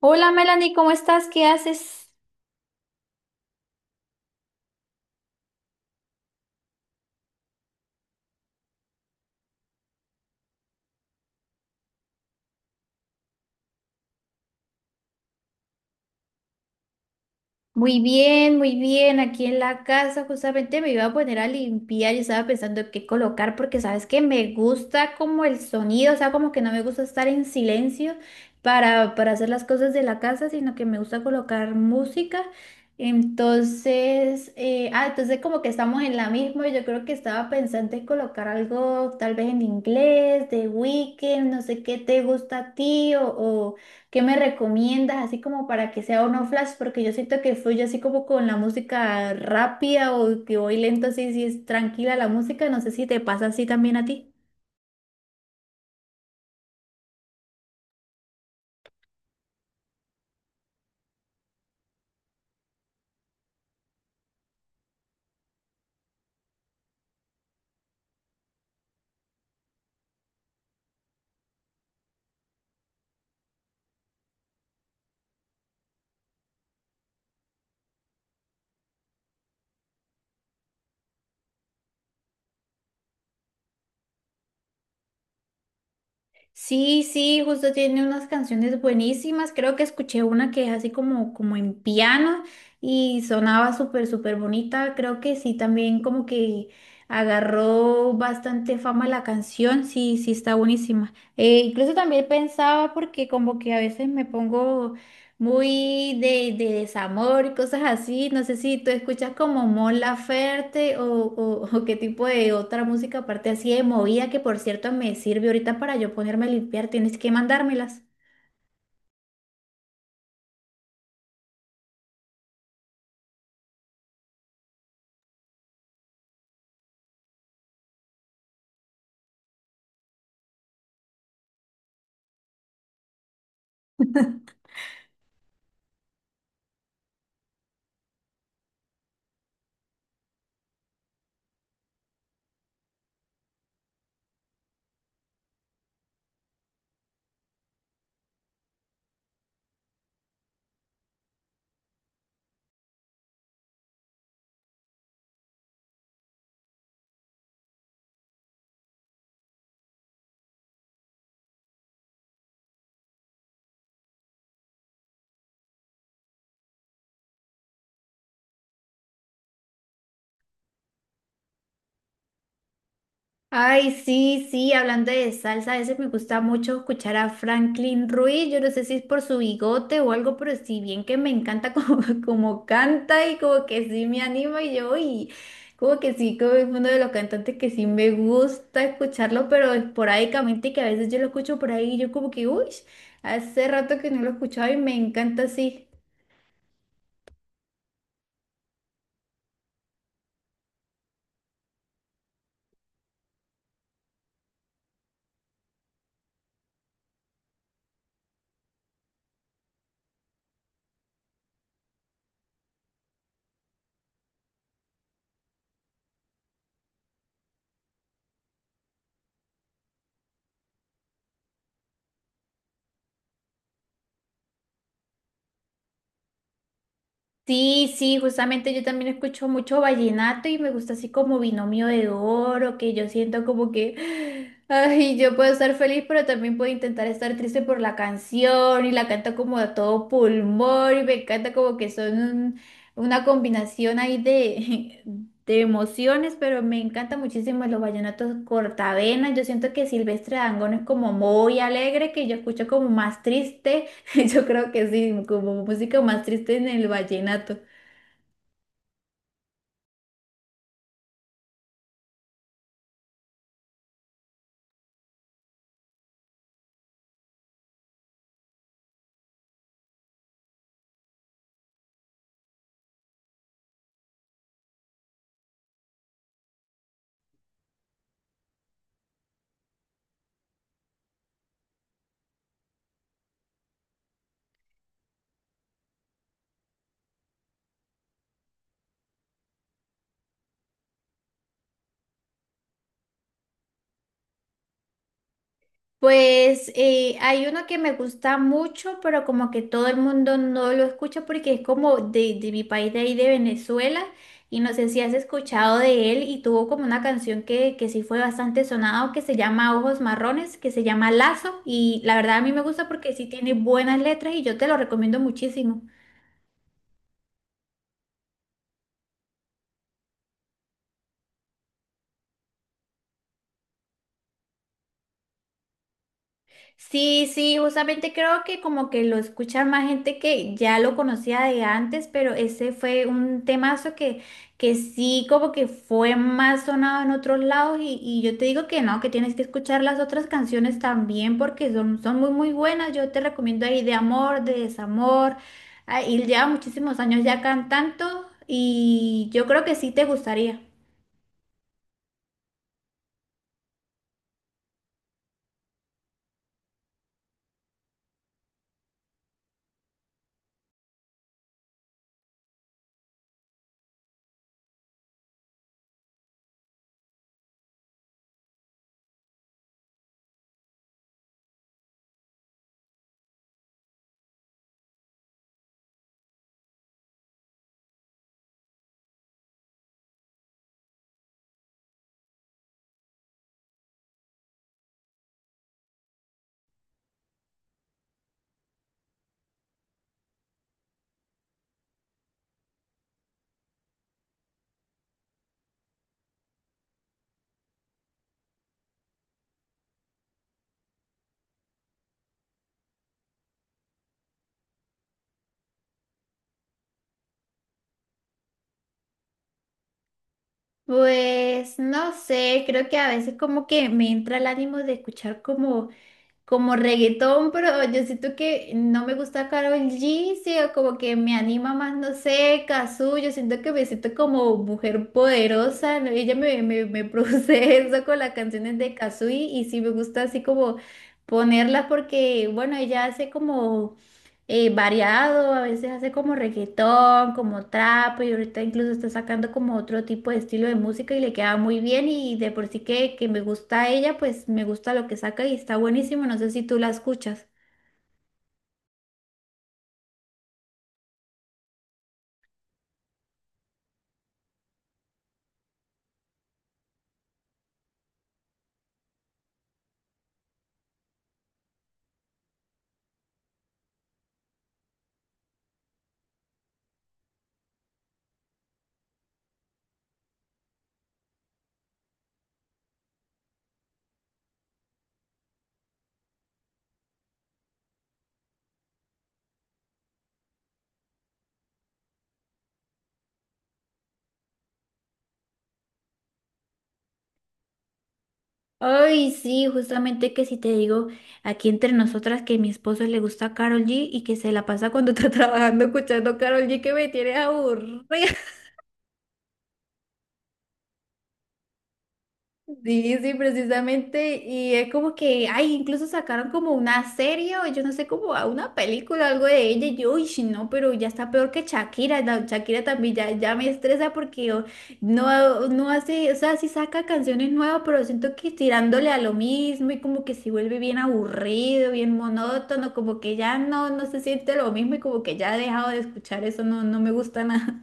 Hola Melanie, ¿cómo estás? ¿Qué haces? Muy bien, muy bien. Aquí en la casa justamente me iba a poner a limpiar y estaba pensando qué colocar porque sabes que me gusta como el sonido, o sea, como que no me gusta estar en silencio para hacer las cosas de la casa, sino que me gusta colocar música. Entonces, entonces como que estamos en la misma. Yo creo que estaba pensando en colocar algo tal vez en inglés, de Weekend, no sé qué te gusta a ti o ¿Qué me recomiendas así como para que sea uno flash? Porque yo siento que fluye así como con la música rápida o que voy lento así, si es tranquila la música, no sé si te pasa así también a ti. Sí, sí, justo tiene unas canciones buenísimas, creo que escuché una que es así como, como en piano y sonaba súper, súper bonita, creo que sí, también como que agarró bastante fama la canción, sí, sí, está buenísima. Incluso también pensaba porque como que a veces me pongo muy de desamor y cosas así. No sé si tú escuchas como Mon Laferte o qué tipo de otra música aparte así de movida que por cierto me sirve ahorita para yo ponerme a limpiar. Tienes que mandármelas. Ay, sí, sí, hablando de salsa, a veces me gusta mucho escuchar a Franklin Ruiz, yo no sé si es por su bigote o algo, pero si bien que me encanta como, como canta y como que sí me anima y yo, y como que sí, como es uno de los cantantes que sí me gusta escucharlo, pero esporádicamente que a veces yo lo escucho por ahí y yo como que, uy, hace rato que no lo escuchaba y me encanta así. Sí, sí, justamente yo también escucho mucho vallenato y me gusta así como binomio de oro, que yo siento como que, ay, yo puedo estar feliz, pero también puedo intentar estar triste por la canción y la canta como a todo pulmón y me encanta como que son un- una combinación ahí de, de emociones, pero me encanta muchísimo los vallenatos cortavenas, yo siento que Silvestre Dangond es como muy alegre, que yo escucho como más triste. Yo creo que sí, como música más triste en el vallenato. Pues hay uno que me gusta mucho, pero como que todo el mundo no lo escucha porque es como de mi país de ahí, de Venezuela, y no sé si has escuchado de él y tuvo como una canción que sí fue bastante sonado, que se llama Ojos Marrones, que se llama Lazo, y la verdad a mí me gusta porque sí tiene buenas letras y yo te lo recomiendo muchísimo. Sí, sí, justamente creo que como que lo escucha más gente que ya lo conocía de antes, pero ese fue un temazo que sí como que fue más sonado en otros lados y yo te digo que no, que tienes que escuchar las otras canciones también porque son, son muy muy buenas, yo te recomiendo ahí de amor, de desamor, ah, y lleva muchísimos años ya cantando y yo creo que sí te gustaría. Pues no sé, creo que a veces como que me entra el ánimo de escuchar como reggaetón, pero yo siento que no me gusta Karol G, sí, o como que me anima más, no sé, Cazzu, yo siento que me siento como mujer poderosa, ¿no? Ella me produce eso con las canciones de Cazzu y sí me gusta así como ponerlas porque, bueno, ella hace como variado, a veces hace como reggaetón, como trap, y ahorita incluso está sacando como otro tipo de estilo de música y le queda muy bien y de por sí que me gusta ella, pues me gusta lo que saca y está buenísimo, no sé si tú la escuchas. Ay, sí, justamente que si te digo aquí entre nosotras que a mi esposo le gusta Karol G y que se la pasa cuando está trabajando escuchando Karol G que me tiene aburrida. Sí, sí, precisamente. Y es como que, ay, incluso sacaron como una serie o yo no sé, como a una película, algo de ella. Y yo, uy, sí, no, pero ya está peor que Shakira. La Shakira también ya, ya me estresa porque oh, no, no hace, o sea, sí saca canciones nuevas, pero siento que tirándole a lo mismo y como que se vuelve bien aburrido, bien monótono, como que ya no, no se siente lo mismo y como que ya he dejado de escuchar eso, no, no me gusta nada.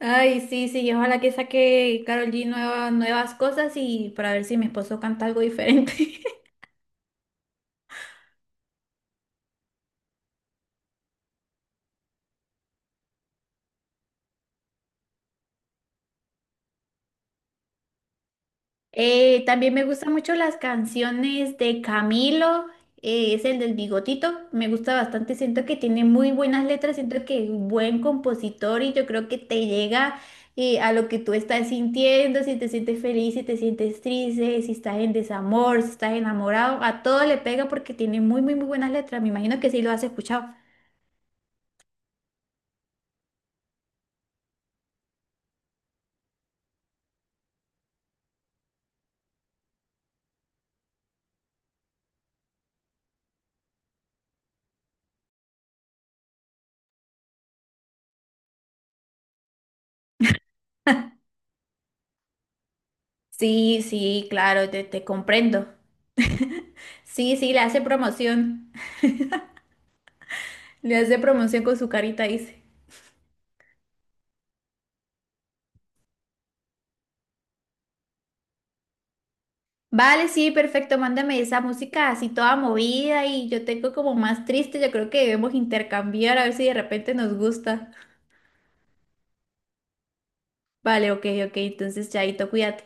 Ay, sí, sí, y ojalá que saque Karol G nueva- nuevas cosas y para ver si mi esposo canta algo diferente. También me gustan mucho las canciones de Camilo, es el del bigotito, me gusta bastante, siento que tiene muy buenas letras, siento que es un buen compositor y yo creo que te llega a lo que tú estás sintiendo, si te sientes feliz, si te sientes triste, si estás en desamor, si estás enamorado, a todo le pega porque tiene muy, muy, muy buenas letras, me imagino que sí lo has escuchado. Sí, sí, claro, te comprendo. Sí, sí, le hace promoción. Le hace promoción con su carita, dice. Vale, sí, perfecto, mándame esa música así toda movida y yo tengo como más triste, yo creo que debemos intercambiar a ver si de repente nos gusta. Vale, ok, ok, entonces chaito, cuídate.